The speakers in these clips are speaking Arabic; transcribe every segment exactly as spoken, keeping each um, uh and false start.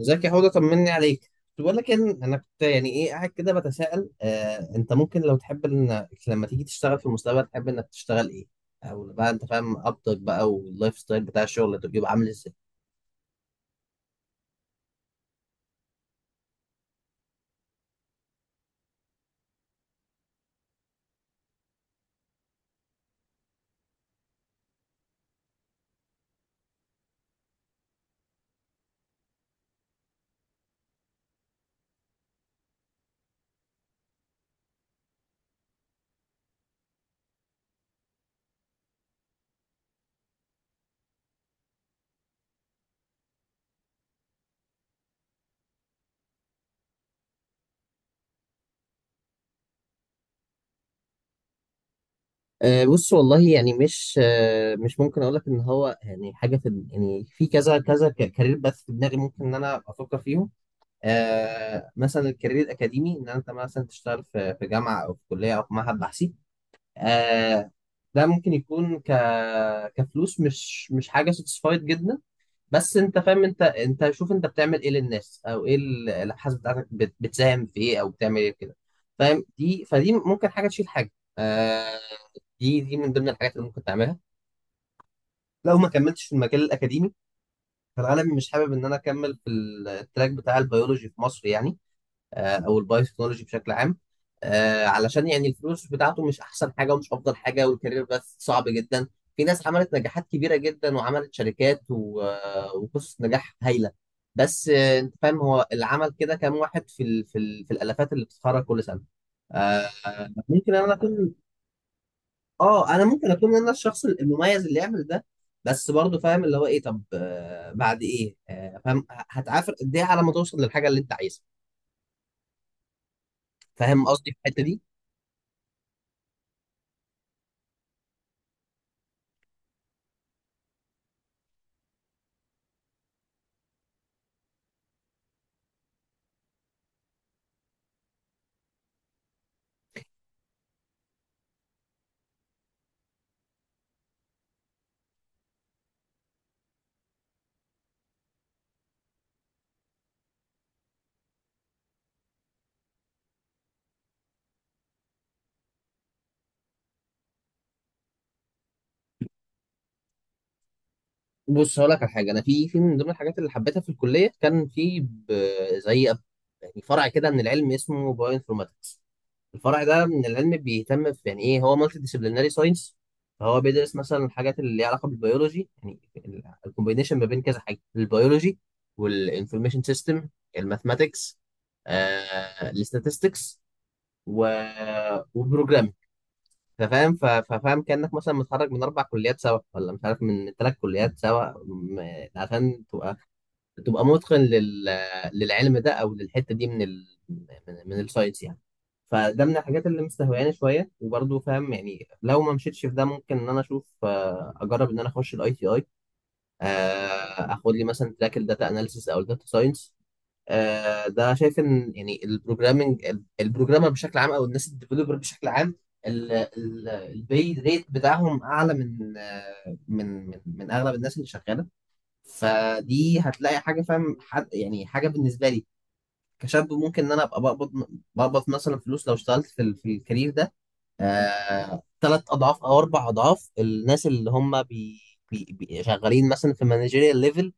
ازيك يا حوضة؟ طمني عليك. كنت بقول لك ان انا كنت يعني ايه قاعد كده بتساءل، آه انت ممكن لو تحب ان لما تيجي تشتغل في المستقبل تحب انك تشتغل ايه؟ او بقى انت فاهم قبضك بقى، واللايف ستايل بتاع الشغل تبقى يبقى عامل ازاي؟ آه بص، والله يعني مش آه مش ممكن اقول لك ان هو يعني حاجه في يعني في كذا كذا كارير بث في دماغي، ممكن ان انا افكر فيهم. آه مثلا الكارير الاكاديمي، ان انت مثلا تشتغل في في جامعه، او في كليه، او في معهد بحثي. آه ده ممكن يكون ك... كفلوس مش مش حاجه ساتسفايد جدا. بس انت فاهم، انت انت شوف انت بتعمل ايه للناس، او ايه ال- الابحاث بتاعتك بت... بتساهم في ايه، او بتعمل ايه كده. فاهم، دي فدي ممكن حاجه تشيل حاجه. آه دي دي من ضمن الحاجات اللي ممكن تعملها، لو ما كملتش في المجال الاكاديمي. فانا مش حابب ان انا اكمل في التراك بتاع البيولوجي في مصر يعني، آه، او البايو تكنولوجي بشكل عام. آه، علشان يعني الفلوس بتاعته مش احسن حاجه، ومش افضل حاجه، والكارير بس صعب جدا. في ناس عملت نجاحات كبيره جدا، وعملت شركات و- آه، وقصص نجاح هايله. بس، آه، انت فاهم هو اللي عمل كده كام واحد في ال في, ال في الالافات اللي بتتخرج كل سنه. آه، ممكن انا اكون اه انا ممكن اكون انا الشخص المميز اللي يعمل ده. بس برضه فاهم اللي هو ايه، طب آه، بعد ايه، آه، فاهم هتعافر قد ايه على ما توصل للحاجه اللي انت عايزها. فاهم قصدي في الحته دي؟ بص، هقول لك على حاجه. انا في في من ضمن الحاجات اللي حبيتها في الكليه، كان في ب- زي أب- يعني فرع كده من العلم اسمه بايو انفورماتكس. الفرع ده من العلم بيهتم في، يعني ايه، هو مالتي ديسيبليناري ساينس. فهو بيدرس مثلا الحاجات اللي ليها علاقه بالبيولوجي. يعني الكومبينيشن ما بين كذا حاجه: البيولوجي، والانفورميشن سيستم، الماثماتكس، الاستاتستكس. فاهم. ف- ففاهم كأنك مثلا متخرج من أربع كليات سوا، ولا مش عارف، من ثلاث كليات سوا، م- عشان تبقى تبقى متقن لل... للعلم ده، أو للحتة دي من ال... من, من الساينس يعني. فده من الحاجات اللي مستهوياني شوية، وبرضه فاهم يعني لو ما مشيتش في ده، ممكن إن أنا أشوف، آه، أجرب إن أنا أخش الأي تي أي. آخد لي مثلا تراك الداتا أناليسيس أو الداتا ساينس. آه، ده شايف ان يعني البروجرامنج البروجرامر بشكل عام، او الناس الديفلوبر بشكل عام، البي ريت بتاعهم اعلى من آه، من من من اغلب الناس اللي شغاله. فدي هتلاقي حاجه، فاهم، حد يعني حاجه بالنسبه لي كشاب، ممكن ان انا ابقى بقبض بقبض مثلا فلوس لو اشتغلت في ال- في الكارير ده. آه ثلاث اضعاف او اربع اضعاف الناس اللي هم بي بي بي شغالين مثلا في مانجيريال ليفل،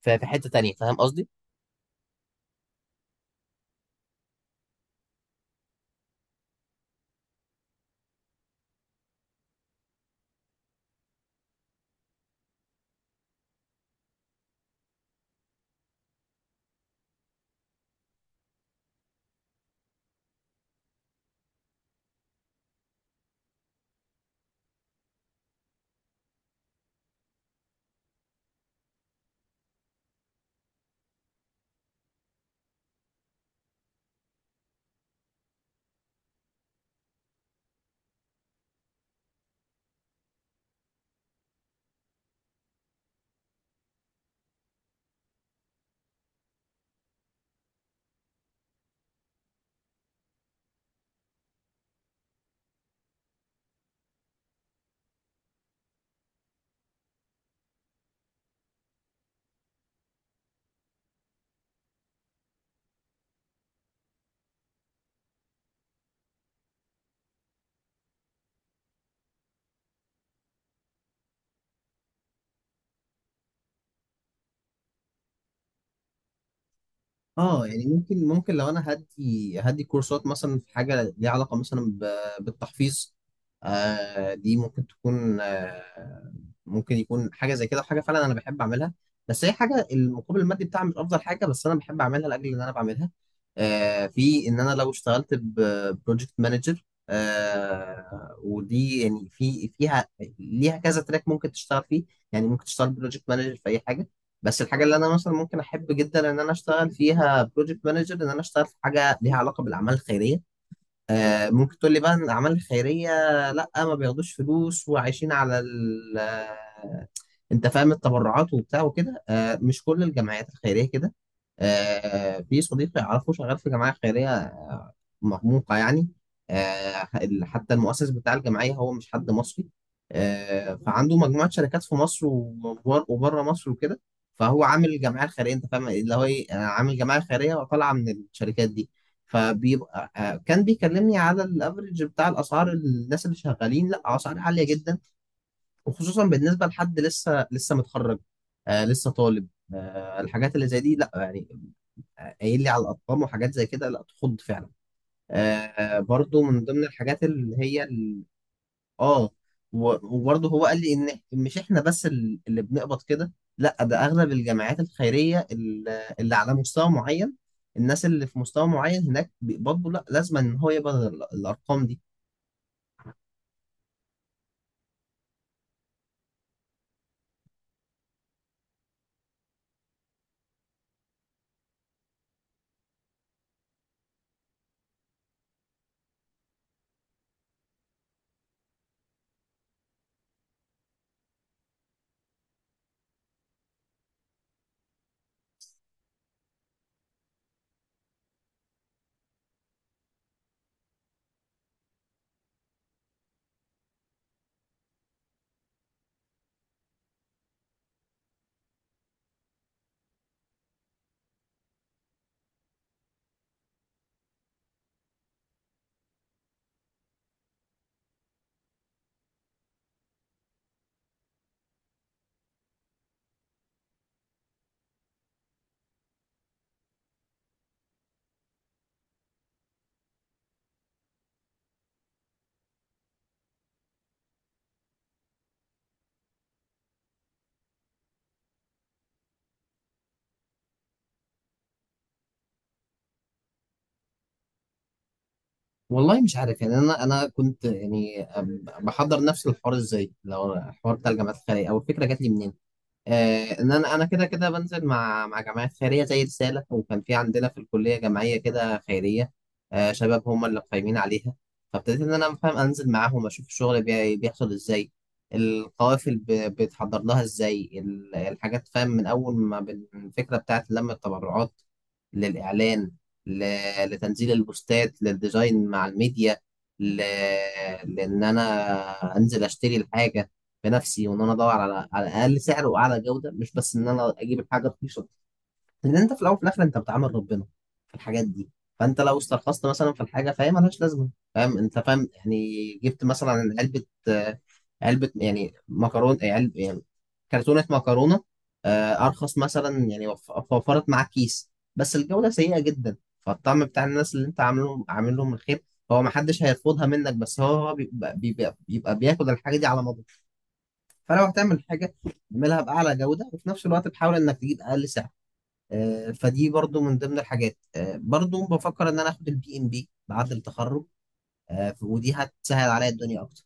في في حته تانيه. فاهم قصدي؟ اه يعني، ممكن ممكن لو انا هدي هدي كورسات مثلا في حاجه ليها علاقه مثلا ب- بالتحفيظ. آه دي ممكن تكون آه ممكن يكون حاجه زي كده، وحاجه فعلا انا بحب اعملها. بس هي حاجه المقابل المادي بتاعها مش افضل حاجه، بس انا بحب اعملها لاجل ان انا بعملها. آه في ان انا لو اشتغلت ببروجكت مانجر، آه ودي يعني في فيها ليها كذا تراك ممكن تشتغل فيه. يعني ممكن تشتغل بروجكت مانجر في اي حاجه. بس الحاجه اللي انا مثلا ممكن احب جدا ان انا اشتغل فيها بروجكت مانجر، ان انا اشتغل في حاجه ليها علاقه بالاعمال الخيريه. آه ممكن تقول لي بقى ان الاعمال الخيريه، لا ما بياخدوش فلوس وعايشين على ال آه، انت فاهم، التبرعات وبتاع وكده. آه مش كل الجمعيات الخيريه كده. آه في صديقي اعرفه، شغال في جمعيه خيريه مرموقة يعني. آه، ال- حتى المؤسس بتاع الجمعية هو مش حد مصري. آه، فعنده مجموعة شركات في مصر، وبر- وبره مصر وكده. فهو عامل الجمعية الخيرية، أنت فاهم اللي هو إيه، آه، عامل جمعية خيرية وطالعة من الشركات دي. فبيبقى آه، كان بيكلمني على الافريج بتاع الاسعار الناس اللي شغالين، لا، اسعار عاليه جدا، وخصوصا بالنسبه لحد لسه لسه متخرج، آه لسه طالب. آه الحاجات اللي زي دي، لا يعني، آه، قايل لي على الارقام وحاجات زي كده لا تخض فعلا. آه برضو من ضمن الحاجات اللي هي ال- اه و- وبرضو هو قال لي ان إح- مش احنا بس ال- اللي بنقبض كده، لا، ده اغلب الجمعيات الخيريه ال- اللي على مستوى معين، الناس اللي في مستوى معين هناك بيقبضوا، لا، لازم ان هو يقبض ال- الارقام دي. والله مش عارف، يعني انا انا كنت يعني، أم- بحضر نفس الحوار ازاي، لو الحوار بتاع الجامعات الخيريه او الفكره جات لي منين. آه، ان انا انا كده كده بنزل مع مع جمعيات خيريه زي رساله، وكان في عندنا في الكليه جمعيه كده خيريه، آه، شباب هم اللي قايمين عليها. فابتديت ان انا افهم، انزل معاهم اشوف الشغل بي- بيحصل ازاي، القوافل ب- بيتحضر لها ازاي، ال- الحاجات، فاهم، من اول ما بن- الفكره بتاعت لم التبرعات، للاعلان، ل- لتنزيل البوستات، للديزاين مع الميديا، ل- لان انا انزل اشتري الحاجه بنفسي، وان انا ادور على على اقل سعر واعلى جوده، مش بس ان انا اجيب الحاجه رخيصه. لان انت في الاول وفي الاخر انت بتعامل ربنا في الحاجات دي، فانت لو استرخصت مثلا في الحاجه فهي ملهاش لازمه. فاهم، انت فاهم يعني جبت مثلا علبه آه، علبه، يعني مكرونه، علب يعني كرتونه مكرونه، آه، ارخص مثلا يعني، وف- وفرت معاك كيس، بس الجوده سيئه جدا. فالطعم بتاع الناس اللي انت عاملهم عامل لهم الخير، هو محدش هيرفضها منك، بس هو بيبقى, بيبقى, بيبقى بياكل الحاجه دي على مدار. فلو هتعمل حاجه، اعملها باعلى جوده، وفي نفس الوقت بحاول انك تجيب اقل سعر. آه، فدي برضو من ضمن الحاجات. آه، برضو بفكر ان انا اخد البي ام بي بعد التخرج، آه، ف- ودي هتسهل عليا الدنيا اكتر.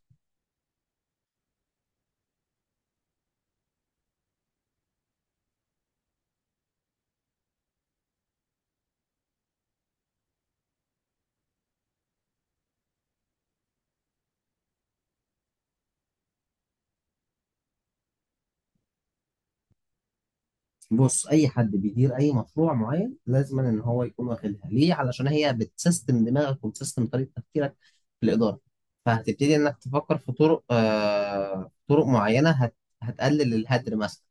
بص، اي حد بيدير اي مشروع معين، لازم ان هو يكون واخدها. ليه؟ علشان هي بتسيستم دماغك وبتسيستم طريقه تفكيرك في الاداره. فهتبتدي انك تفكر في طرق آه طرق معينه، هت هتقلل الهدر مثلا،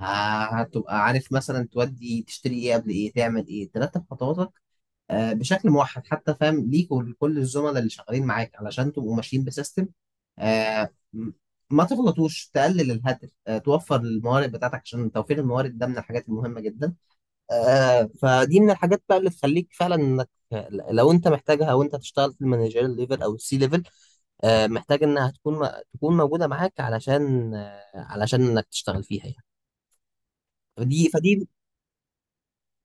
ه- هتبقى عارف مثلا تودي تشتري ايه قبل ايه، تعمل ايه، ترتب خطواتك آه، بشكل موحد، حتى فاهم ليك ولكل الزملاء اللي شغالين معاك، علشان تبقوا ماشيين بسيستم، آه، م- ما تغلطوش، تقلل الهدر، آه، توفر الموارد بتاعتك، عشان توفير الموارد ده من الحاجات المهمة جدا. آه، فدي من الحاجات بقى اللي تخليك فعلا، انك لو انت محتاجها وانت تشتغل في المانجيريال ليفل او السي ليفل، آه، محتاج انها تكون تكون موجودة معاك، علشان آه، علشان انك تشتغل فيها يعني. فدي فدي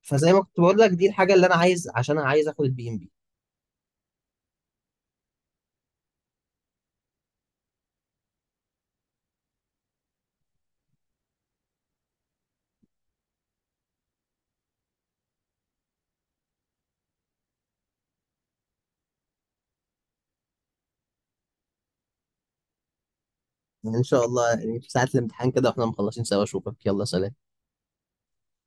فزي ما كنت بقول لك، دي الحاجة اللي انا عايز، عشان انا عايز اخد البي ام بي. يعني ان شاء الله، يعني في ساعة الامتحان كده واحنا مخلصين سوا اشوفك. يلا سلام.